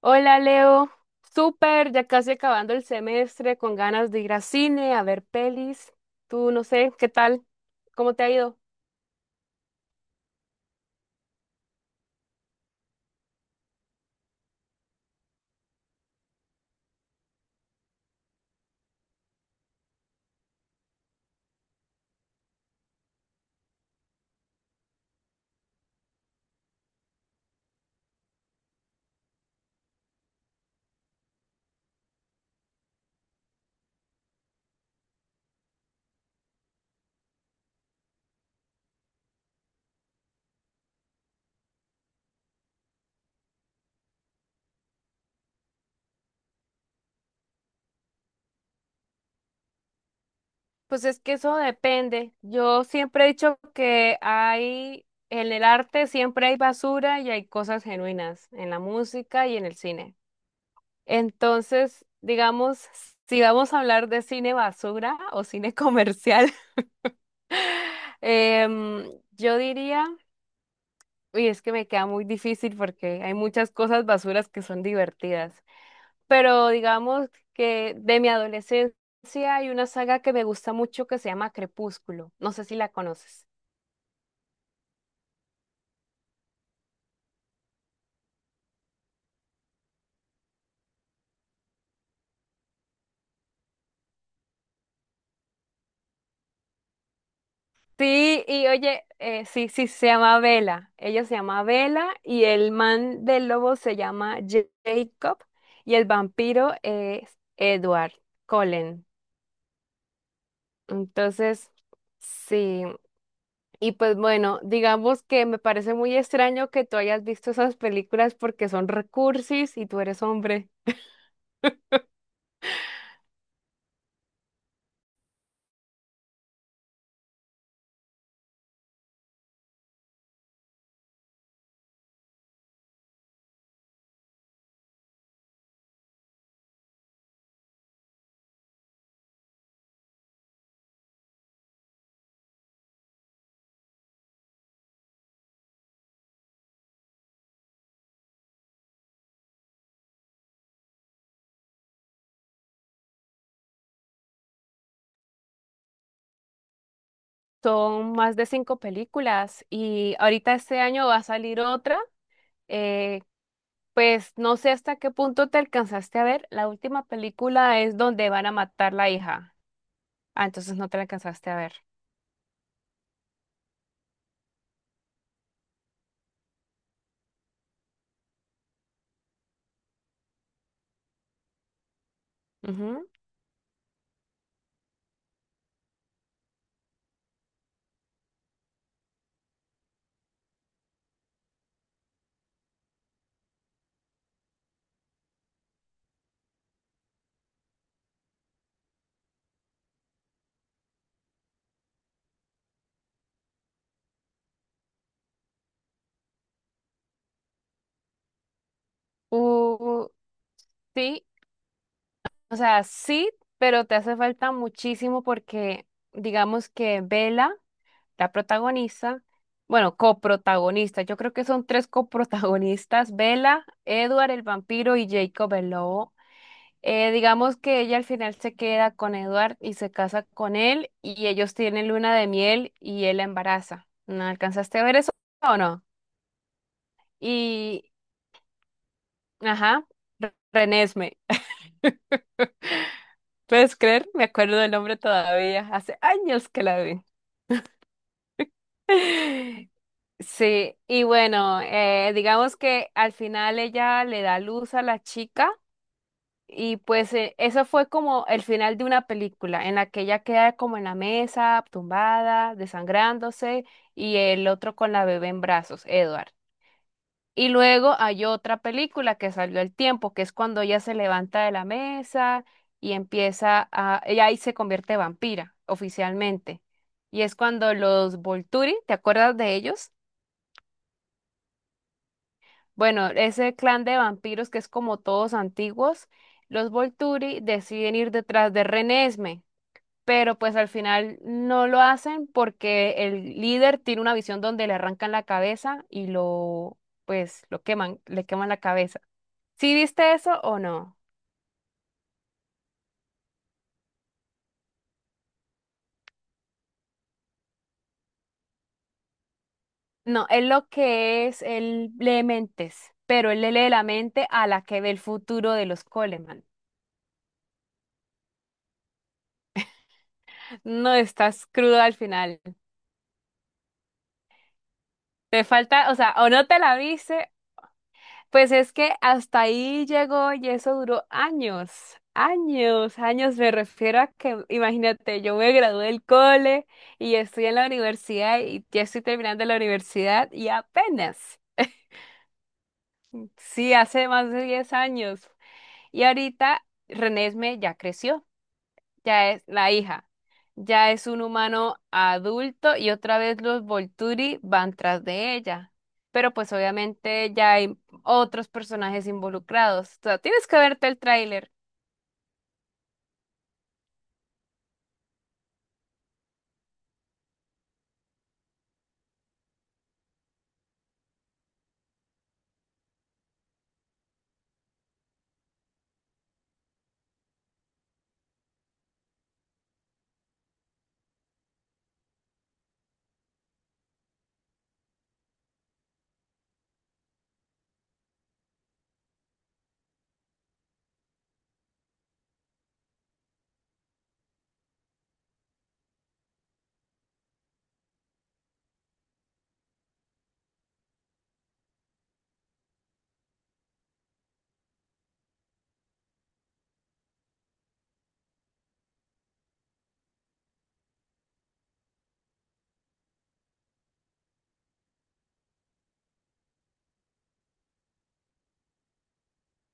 Hola Leo, súper, ya casi acabando el semestre, con ganas de ir al cine, a ver pelis. Tú no sé, ¿qué tal? ¿Cómo te ha ido? Pues es que eso depende. Yo siempre he dicho que hay, en el arte siempre hay basura y hay cosas genuinas, en la música y en el cine. Entonces, digamos, si vamos a hablar de cine basura o cine comercial, em, yo diría. Uy, es que me queda muy difícil porque hay muchas cosas basuras que son divertidas. Pero digamos que de mi adolescencia hay una saga que me gusta mucho que se llama Crepúsculo. No sé si la conoces. Sí, y oye, sí, sí, se llama Vela. Ella se llama Vela y el man del lobo se llama Jacob y el vampiro es Edward Cullen. Entonces, sí. Y pues bueno, digamos que me parece muy extraño que tú hayas visto esas películas porque son recursis y tú eres hombre. Son más de cinco películas y ahorita este año va a salir otra. eh, pues no sé hasta qué punto te alcanzaste a ver. La última película es donde van a matar la hija. Ah, entonces no te la alcanzaste a ver. Ujú. Uh, sí, o sea, sí, pero te hace falta muchísimo porque digamos que Vela la protagonista, bueno, coprotagonista, yo creo que son tres coprotagonistas, Bella, Edward el vampiro y Jacob el lobo. Digamos que ella al final se queda con Edward y se casa con él y ellos tienen luna de miel y él la embaraza. ¿No alcanzaste a ver eso o no? Y, ajá, Renesme. ¿Puedes creer? Me acuerdo del nombre todavía, hace años que la vi. Sí, y bueno, digamos que al final ella le da luz a la chica y pues eso fue como el final de una película en la que ella queda como en la mesa, tumbada, desangrándose y el otro con la bebé en brazos, Edward. Y luego hay otra película que salió al tiempo, que es cuando ella se levanta de la mesa y empieza a, ella ahí se convierte vampira oficialmente. Y es cuando los Volturi, ¿te acuerdas de ellos? Bueno, ese clan de vampiros que es como todos antiguos, los Volturi deciden ir detrás de Renesme, pero pues al final no lo hacen porque el líder tiene una visión donde le arrancan la cabeza y lo, pues, lo queman, le queman la cabeza. ¿Sí viste eso o no? No, es lo que es, él lee mentes, pero él le lee la mente a la que ve el futuro de los Coleman. No, estás crudo al final. Te falta, o sea, ¿o no te la viste? Pues es que hasta ahí llegó y eso duró años, años, años. Me refiero a que, imagínate, yo me gradué del cole y estoy en la universidad y ya estoy terminando la universidad y apenas, sí, hace más de 10 años. Y ahorita Renesme ya creció, ya es la hija, ya es un humano adulto y otra vez los Volturi van tras de ella. Pero pues obviamente ya hay otros personajes involucrados. O sea, tienes que verte el tráiler.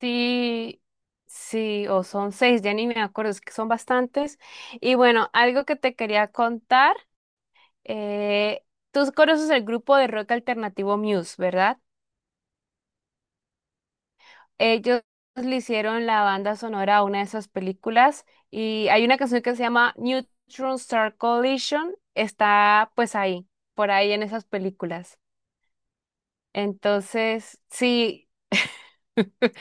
Sí, sí, o son seis, ya ni me acuerdo, es que son bastantes. Y bueno, algo que te quería contar, eh, tú conoces el grupo de rock alternativo Muse, ¿verdad? Ellos le hicieron la banda sonora a una de esas películas y hay una canción que se llama Neutron Star Collision, está pues ahí, por ahí en esas películas. Entonces, sí,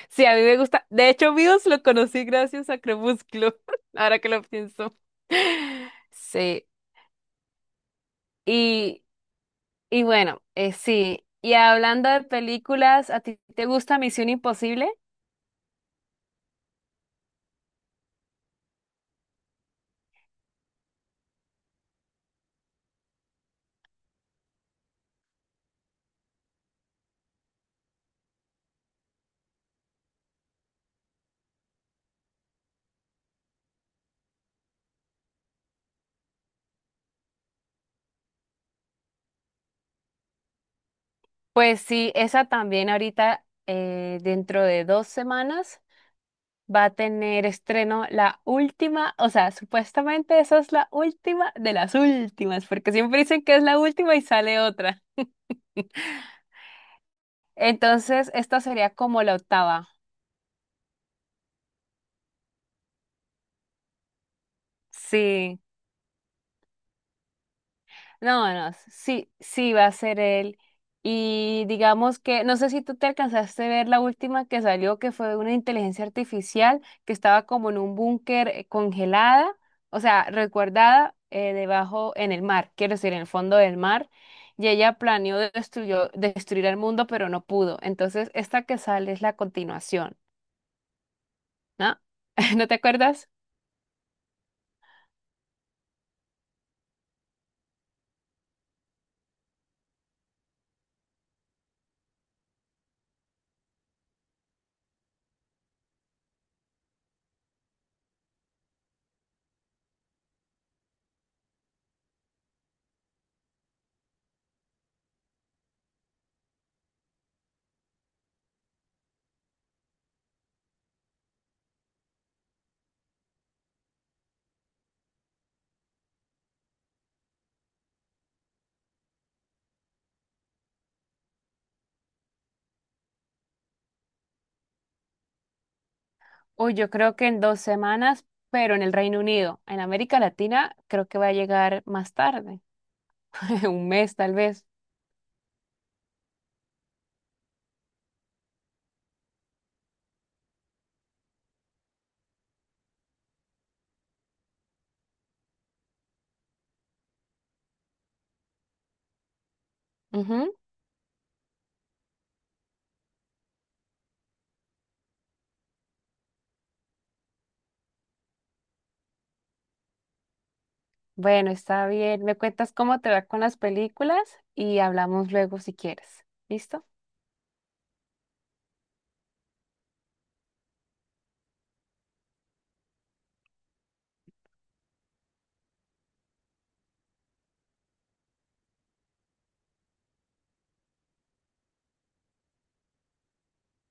sí, a mí me gusta. De hecho, Muse lo conocí gracias a Crepúsculo, ahora que lo pienso. Sí, y, y bueno, sí. Y hablando de películas, ¿a ti te gusta Misión Imposible? Pues sí, esa también ahorita, dentro de dos semanas, va a tener estreno la última, o sea, supuestamente esa es la última de las últimas, porque siempre dicen que es la última y sale otra. Entonces, esta sería como la octava. Sí. No, no, sí, sí va a ser él. Y digamos que, no sé si tú te alcanzaste a ver la última que salió, que fue una inteligencia artificial que estaba como en un búnker congelada, o sea, recuerdada debajo en el mar, quiero decir, en el fondo del mar, y ella planeó destruir el mundo, pero no pudo. Entonces, esta que sale es la continuación, ¿no? ¿No te acuerdas? Uy, yo creo que en 2 semanas, pero en el Reino Unido. En América Latina creo que va a llegar más tarde, un mes tal vez. Ujú. Bueno, está bien. Me cuentas cómo te va con las películas y hablamos luego si quieres. ¿Listo?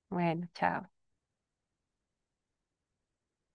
Bueno, chao.